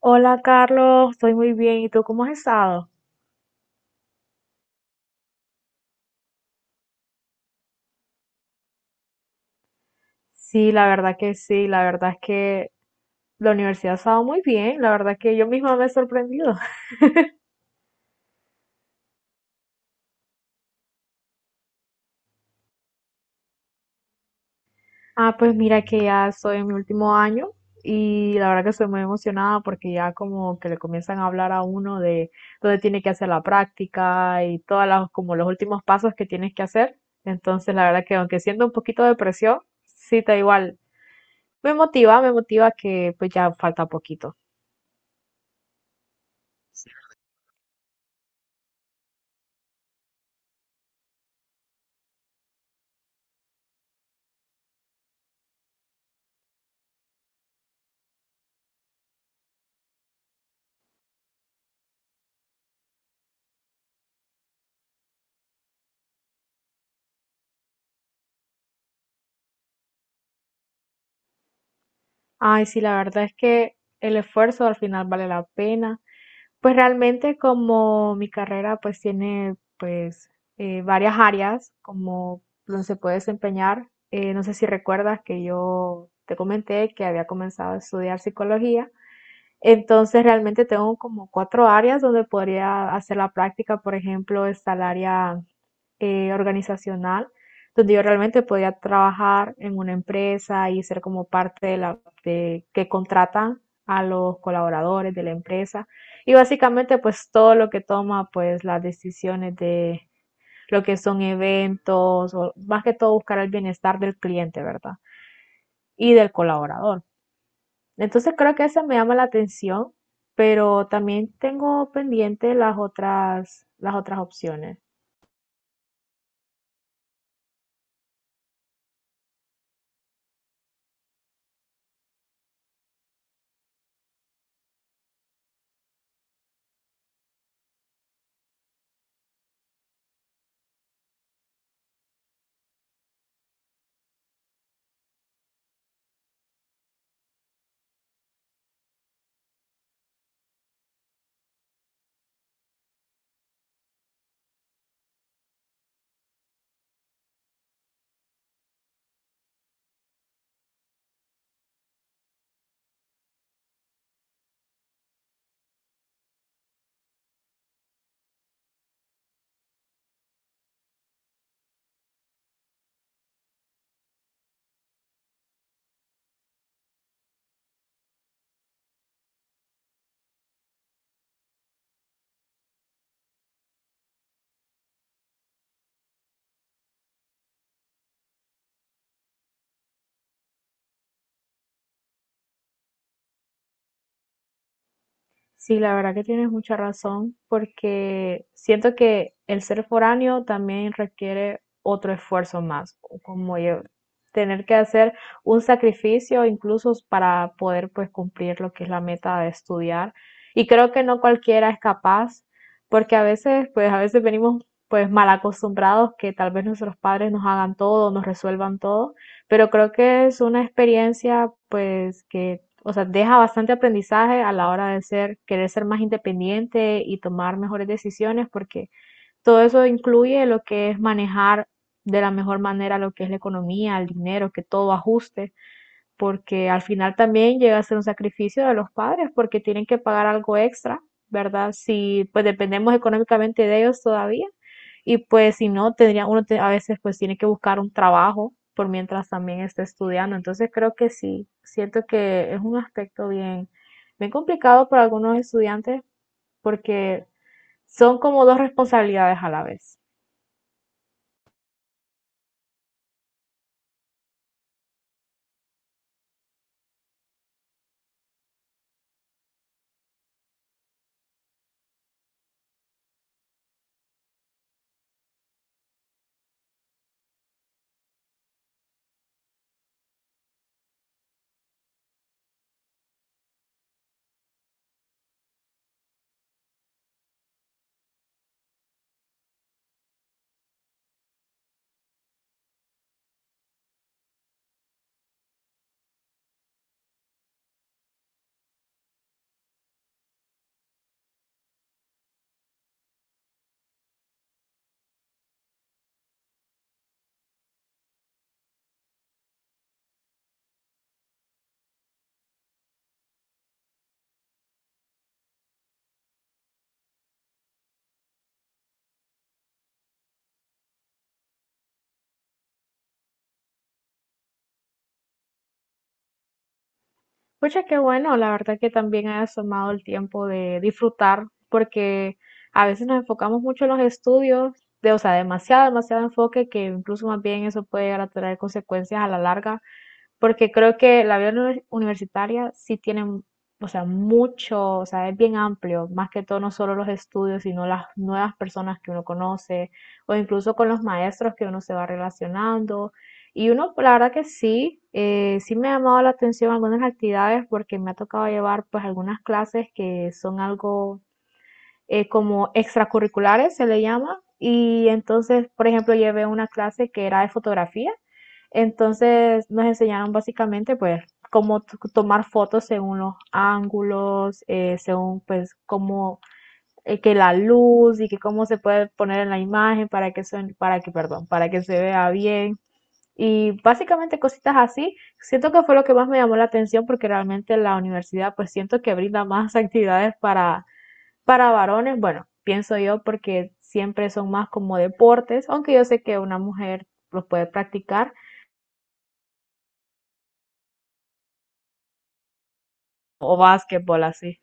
Hola Carlos, estoy muy bien. ¿Y tú cómo has estado? Sí, la verdad que sí, la verdad es que la universidad ha estado muy bien, la verdad que yo misma me he sorprendido. Ah, pues mira que ya estoy en mi último año y la verdad que estoy muy emocionada porque ya como que le comienzan a hablar a uno de dónde tiene que hacer la práctica y todas las como los últimos pasos que tienes que hacer. Entonces, la verdad que aunque siento un poquito de presión, sí, da igual. Me motiva que pues ya falta poquito. Ay, sí, la verdad es que el esfuerzo al final vale la pena. Pues realmente como mi carrera pues tiene pues varias áreas como donde se puede desempeñar. No sé si recuerdas que yo te comenté que había comenzado a estudiar psicología. Entonces realmente tengo como cuatro áreas donde podría hacer la práctica. Por ejemplo, está el área organizacional donde yo realmente podía trabajar en una empresa y ser como parte de la que contratan a los colaboradores de la empresa y básicamente pues todo lo que toma pues las decisiones de lo que son eventos o más que todo buscar el bienestar del cliente, ¿verdad? Y del colaborador. Entonces creo que esa me llama la atención, pero también tengo pendiente las otras opciones. Sí, la verdad que tienes mucha razón, porque siento que el ser foráneo también requiere otro esfuerzo más, como yo, tener que hacer un sacrificio incluso para poder pues cumplir lo que es la meta de estudiar. Y creo que no cualquiera es capaz, porque a veces venimos pues mal acostumbrados que tal vez nuestros padres nos hagan todo, nos resuelvan todo, pero creo que es una experiencia pues que o sea, deja bastante aprendizaje a la hora de ser, querer ser más independiente y tomar mejores decisiones, porque todo eso incluye lo que es manejar de la mejor manera lo que es la economía, el dinero, que todo ajuste porque al final también llega a ser un sacrificio de los padres porque tienen que pagar algo extra, ¿verdad? Si pues dependemos económicamente de ellos todavía y pues si no, tendría, uno a veces pues tiene que buscar un trabajo por mientras también esté estudiando. Entonces creo que sí, siento que es un aspecto bien, bien complicado para algunos estudiantes porque son como dos responsabilidades a la vez. Pucha, qué bueno, la verdad que también hayas tomado el tiempo de disfrutar, porque a veces nos enfocamos mucho en los estudios, de, o sea, demasiado, demasiado enfoque, que incluso más bien eso puede llegar a traer consecuencias a la larga porque creo que la vida universitaria sí tiene, o sea, mucho, o sea, es bien amplio, más que todo no solo los estudios, sino las nuevas personas que uno conoce, o incluso con los maestros que uno se va relacionando. Y uno, pues, la verdad que sí, sí me ha llamado la atención algunas actividades porque me ha tocado llevar pues algunas clases que son algo como extracurriculares, se le llama. Y entonces, por ejemplo, llevé una clase que era de fotografía. Entonces nos enseñaron básicamente, pues, cómo tomar fotos según los ángulos, según, pues, cómo que la luz y que cómo se puede poner en la imagen para que para que, perdón, para que se vea bien. Y básicamente cositas así. Siento que fue lo que más me llamó la atención porque realmente la universidad, pues, siento que brinda más actividades para varones, bueno, pienso yo porque siempre son más como deportes, aunque yo sé que una mujer los puede practicar, o básquetbol así.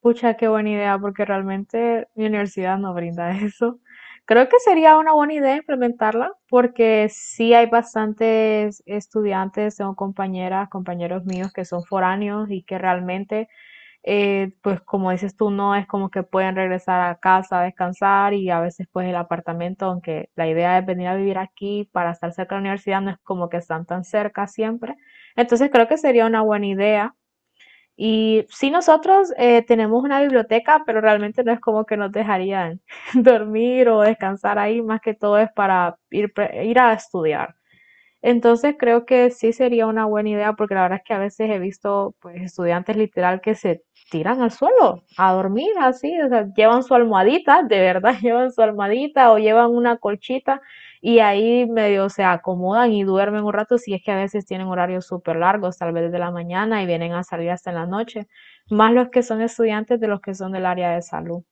Pucha, qué buena idea, porque realmente mi universidad no brinda eso. Creo que sería una buena idea implementarla, porque sí hay bastantes estudiantes, tengo compañeras, compañeros míos que son foráneos y que realmente pues como dices tú, no es como que pueden regresar a casa a descansar y a veces pues el apartamento, aunque la idea es venir a vivir aquí para estar cerca de la universidad, no es como que están tan cerca siempre. Entonces creo que sería una buena idea. Y sí, nosotros tenemos una biblioteca, pero realmente no es como que nos dejarían dormir o descansar ahí, más que todo es para ir, ir a estudiar. Entonces creo que sí sería una buena idea porque la verdad es que a veces he visto pues estudiantes literal que se tiran al suelo a dormir así, o sea, llevan su almohadita, de verdad llevan su almohadita o llevan una colchita y ahí medio se acomodan y duermen un rato si es que a veces tienen horarios súper largos, tal vez de la mañana y vienen a salir hasta en la noche, más los que son estudiantes de los que son del área de salud.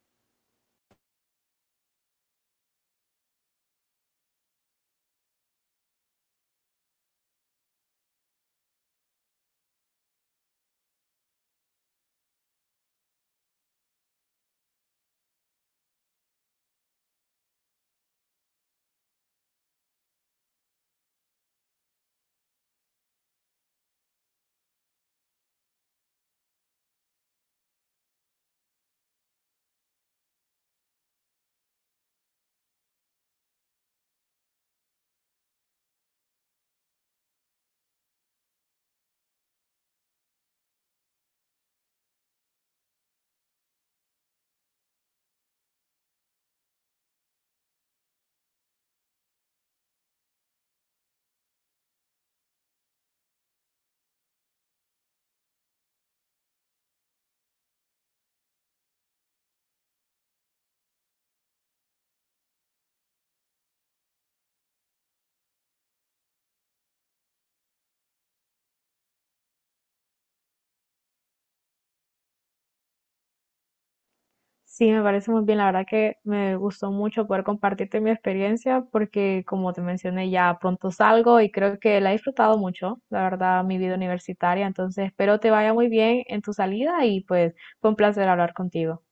Sí, me parece muy bien. La verdad que me gustó mucho poder compartirte mi experiencia porque, como te mencioné, ya pronto salgo y creo que la he disfrutado mucho, la verdad, mi vida universitaria. Entonces, espero te vaya muy bien en tu salida y pues fue un placer hablar contigo.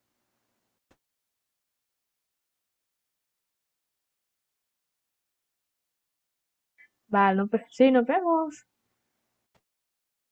Vale, no, pues, sí, nos vemos.